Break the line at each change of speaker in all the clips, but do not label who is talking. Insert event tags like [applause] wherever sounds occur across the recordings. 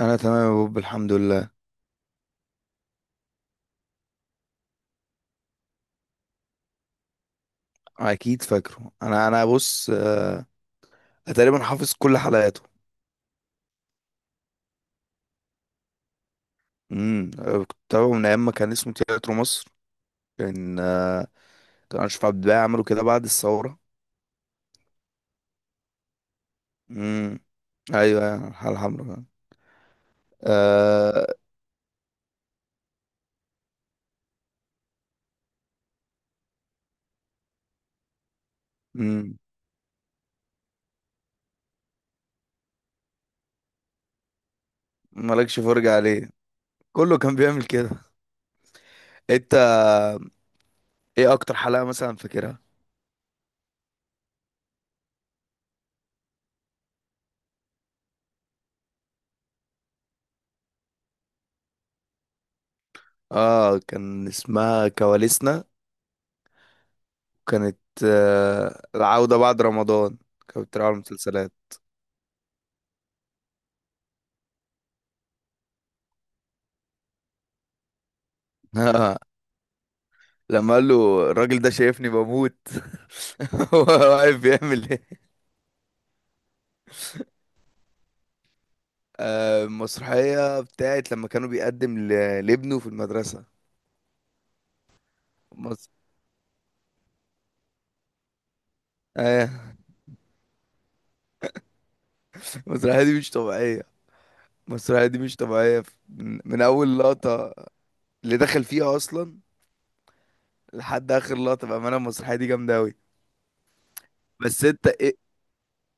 انا تمام يا بوب الحمد لله. اكيد فاكره. انا بص، أنا تقريبا حافظ كل حلقاته. أنا كنت بتابعه من ايام ما كان اسمه تياترو مصر. كان آه، كان اشرف عبد الباقي عمله كده بعد الثوره. امم ايوه، أيوة، الحلقه الحمراء فعلا. آه. امم. مالكش فرجه عليه. كله كان بيعمل كده. انت، ايه اكتر حلقه مثلا فاكرها؟ اه كان اسمها كواليسنا. كانت. آه العوده بعد رمضان. كانت بتتابع المسلسلات. [laughs] لما قال له الراجل ده شايفني بموت. [laughs] هو واقف بيعمل ايه؟ المسرحية بتاعت لما كانوا بيقدم لابنه في المدرسة. مصر. آه، [laughs] المسرحية دي مش طبيعية. المسرحية دي مش طبيعية من أول لقطة اللي دخل فيها أصلا لحد آخر لقطة. بأمانة المسرحية دي جامدة أوي. بس أنت إيه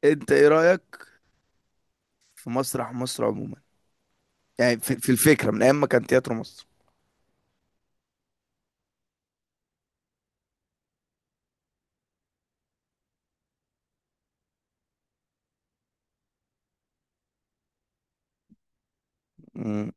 أنت إيه رأيك في مسرح مصر عموما؟ يعني في الفكرة من أيام ما كان تياترو مصر. مم.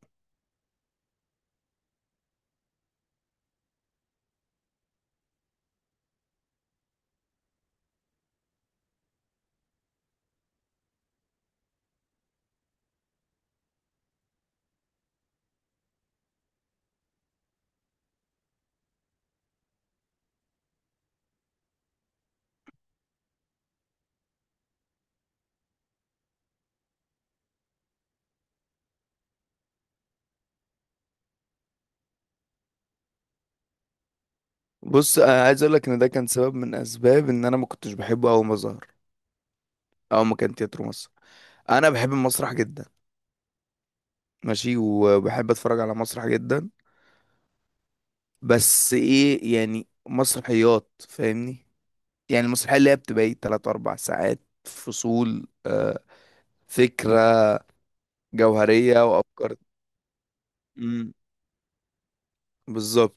بص أنا عايز أقول لك إن ده كان سبب من أسباب إن أنا ما كنتش بحبه أول ما ظهر. اه ما كان تياترو مصر. انا بحب المسرح جدا، ماشي، وبحب اتفرج على مسرح جدا. بس ايه يعني؟ مسرحيات، فاهمني، يعني المسرحيه اللي هي بتبقى ايه، 3 4 ساعات، فصول، فكره جوهريه وافكار. امم بالظبط.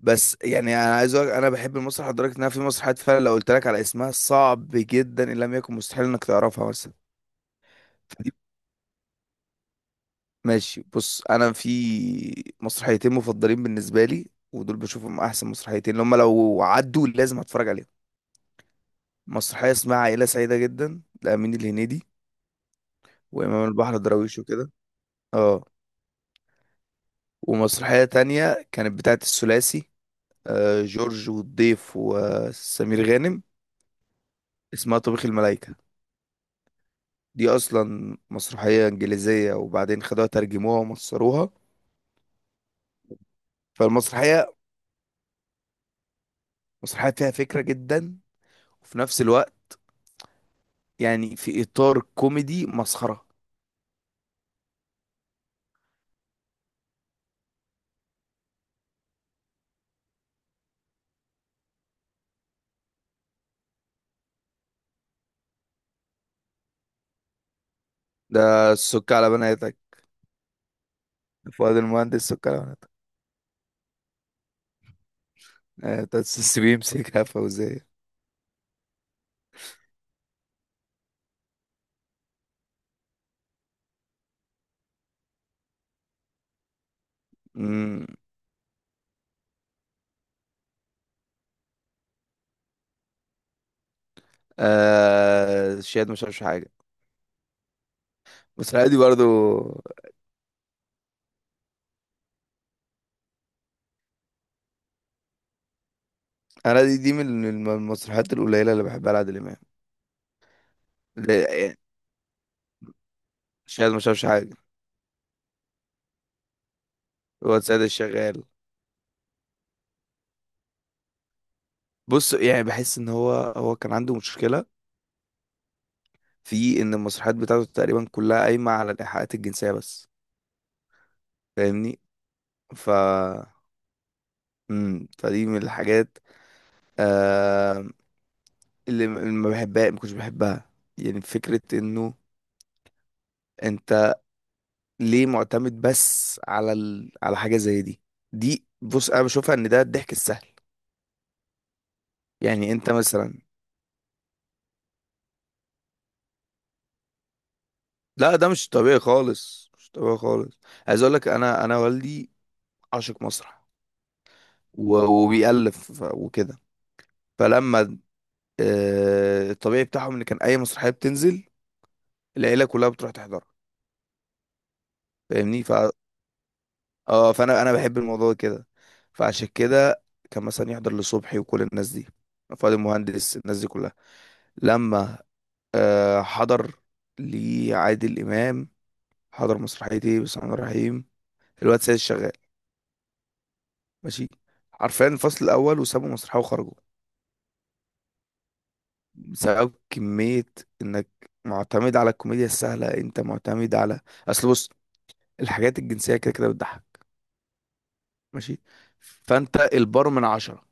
بس يعني انا عايز اقول انا بحب المسرح لدرجه انها في مسرحيات فعلا لو قلت لك على اسمها صعب جدا ان لم يكن مستحيل انك تعرفها. مثلا، ماشي، بص، انا في مسرحيتين مفضلين بالنسبه لي، ودول بشوفهم احسن مسرحيتين، اللي هم لو عدوا لازم اتفرج عليهم. مسرحيه اسمها عائله سعيده جدا لامين الهنيدي، وامام البحر دراويش وكده. اه. ومسرحيه تانية كانت بتاعت الثلاثي، جورج والضيف وسمير غانم. اسمها طبيخ الملايكه. دي اصلا مسرحيه انجليزيه وبعدين خدوها ترجموها ومصروها. فالمسرحيه، مسرحيه فيها فكره جدا، وفي نفس الوقت يعني في اطار كوميدي مسخره. ده السك على بناتك. فؤاد المهندس، سك على بناتك. تسس بيمسكها فوزيه. امم. آه، شاهد مش عارفش حاجه. المسرحيه دي برضو. انا دي من المسرحيات القليله اللي بحبها لعادل امام. لا، يعني شاهد مش عارفش حاجه. هو سيد الشغال. بص، يعني بحس ان هو كان عنده مشكله في ان المسرحيات بتاعته تقريبا كلها قايمه على الايحاءات الجنسيه بس. فاهمني ف فدي من الحاجات، آه اللي اللي ما بحبها، ما كنتش بحبها. يعني فكرة انه انت ليه معتمد بس على على حاجة زي دي؟ دي بص انا بشوفها ان ده الضحك السهل. يعني انت مثلا. لا، ده مش طبيعي خالص، مش طبيعي خالص. عايز اقول لك، انا والدي عاشق مسرح، و... وبيألف وكده. فلما الطبيعي بتاعهم ان كان اي مسرحية بتنزل العيلة كلها بتروح تحضرها. فاهمني. اه، فانا بحب الموضوع كده. فعشان كده كان مثلا يحضر لصبحي وكل الناس دي، فؤاد المهندس، الناس دي كلها. لما حضر لعادل امام، حضر مسرحيه ايه؟ بسم الله الرحمن الرحيم، الواد سيد الشغال. ماشي، حرفيا الفصل الاول وسابوا مسرحيه وخرجوا. بسبب كميه انك معتمد على الكوميديا السهله. انت معتمد على، اصل بص، الحاجات الجنسيه كده كده بتضحك، ماشي. فانت البار من عشرة،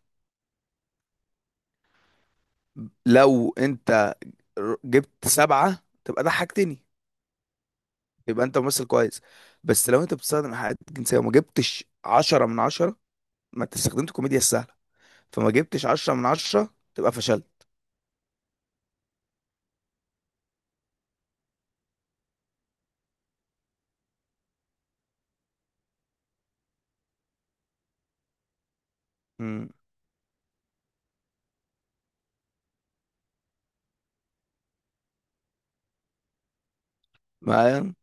لو انت جبت سبعة تبقى ضحكتني، يبقى انت ممثل كويس. بس لو انت بتستخدم إيحاءات جنسية وما جبتش عشرة من عشرة، ما انت استخدمت كوميديا السهلة. فما جبتش عشرة من عشرة، تبقى فشلت. مم. معايا.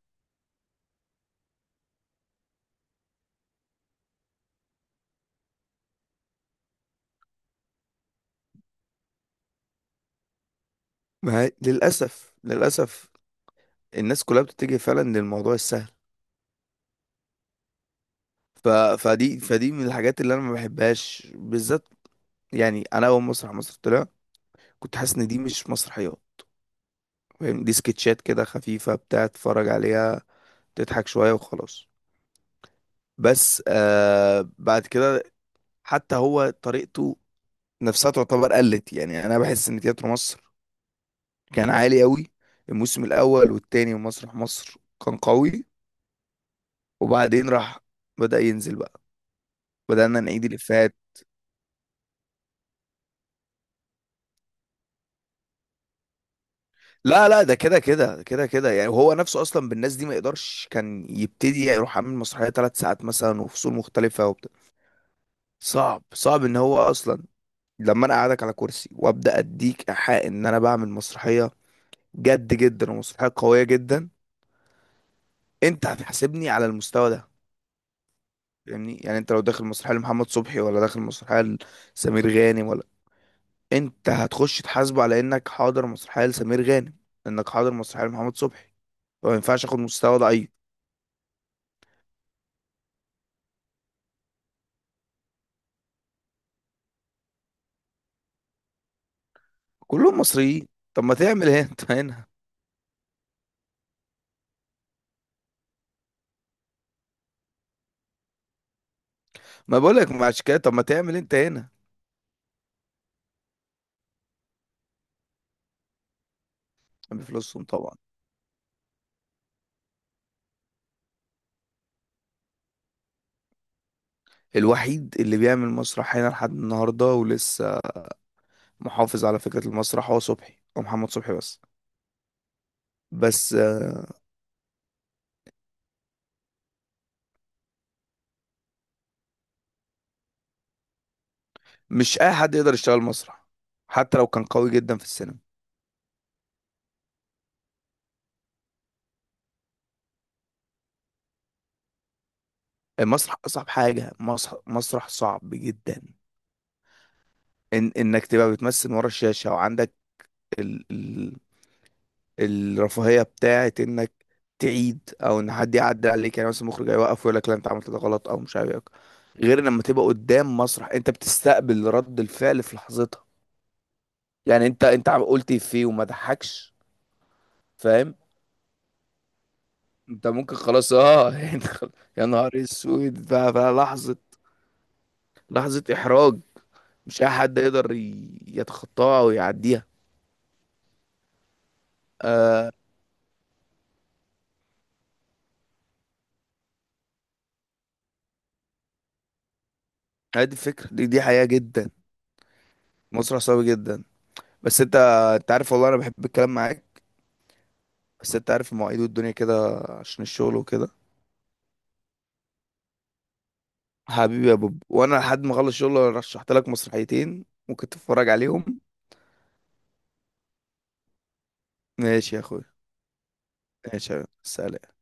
معايا للأسف، للأسف. الناس كلها بتتجه فعلا للموضوع السهل. ف... فدي، فدي من الحاجات اللي انا ما بحبهاش بالذات. يعني انا اول مسرح مصر طلع، كنت حاسس ان دي مش مسرحيات. فاهم؟ دي سكتشات كده خفيفة بتاع، تتفرج عليها تضحك شوية وخلاص. بس بعد كده حتى هو طريقته نفسها تعتبر قلت. يعني انا بحس ان تياترو مصر كان عالي قوي، الموسم الاول والتاني، ومسرح مصر كان قوي، وبعدين راح بدأ ينزل بقى، بدأنا نعيد الإفيهات. لا لا، ده كده كده كده كده، يعني هو نفسه اصلا بالناس دي ما يقدرش كان يبتدي يروح عامل مسرحية ثلاث ساعات مثلا وفصول مختلفة وبتاع. صعب، صعب ان هو اصلا لما انا قاعدك على كرسي وابدا اديك ايحاء ان انا بعمل مسرحيه جد جدا ومسرحية قوية جدا، انت هتحاسبني على المستوى ده. فاهمني؟ يعني انت لو داخل مسرحية لمحمد صبحي، ولا داخل مسرحية لسمير غانم، ولا، انت هتخش تحاسبه على انك حاضر مسرحية لسمير غانم، انك حاضر مسرحية لمحمد صبحي. فما ينفعش اخد مستوى ضعيف. كلهم مصريين، طب ما تعمل ايه انت هنا؟ ما بقولك مع كده، طب ما تعمل انت هنا؟ بفلوسهم طبعا. الوحيد اللي بيعمل مسرح هنا لحد النهارده ولسه محافظ على فكرة المسرح هو صبحي، هو محمد صبحي بس. بس مش اي حد يقدر يشتغل مسرح حتى لو كان قوي جدا في السينما. المسرح اصعب حاجه، مسرح، مسرح صعب جدا. إن انك تبقى بتمثل ورا الشاشه وعندك ال... ال... الرفاهيه بتاعت انك تعيد، او ان حد يعدي عليك، يعني مثلا مخرج هيوقف ويقول لك لا، انت عملت ده غلط او مش عارف إيه. غير لما تبقى قدام مسرح، انت بتستقبل رد الفعل في لحظتها. يعني انت عم قلت إيه فيه وما ضحكش؟ فاهم؟ انت ممكن خلاص، اه، [laughs] انت خلاص، يا نهار اسود بقى. لحظه، لحظة إحراج. مش أي حد يقدر يتخطاها أو يعديها. هذه الفكرة، دي حقيقة جدا. الموضوع صعب جدا. بس أنت عارف والله أنا بحب الكلام معاك، بس أنت عارف المواعيد والدنيا كده، عشان الشغل وكده. حبيبي يا بوب، وأنا لحد ما أخلص شغل رشحت لك مسرحيتين ممكن تتفرج عليهم. ماشي يا أخويا. ماشي يا سلام.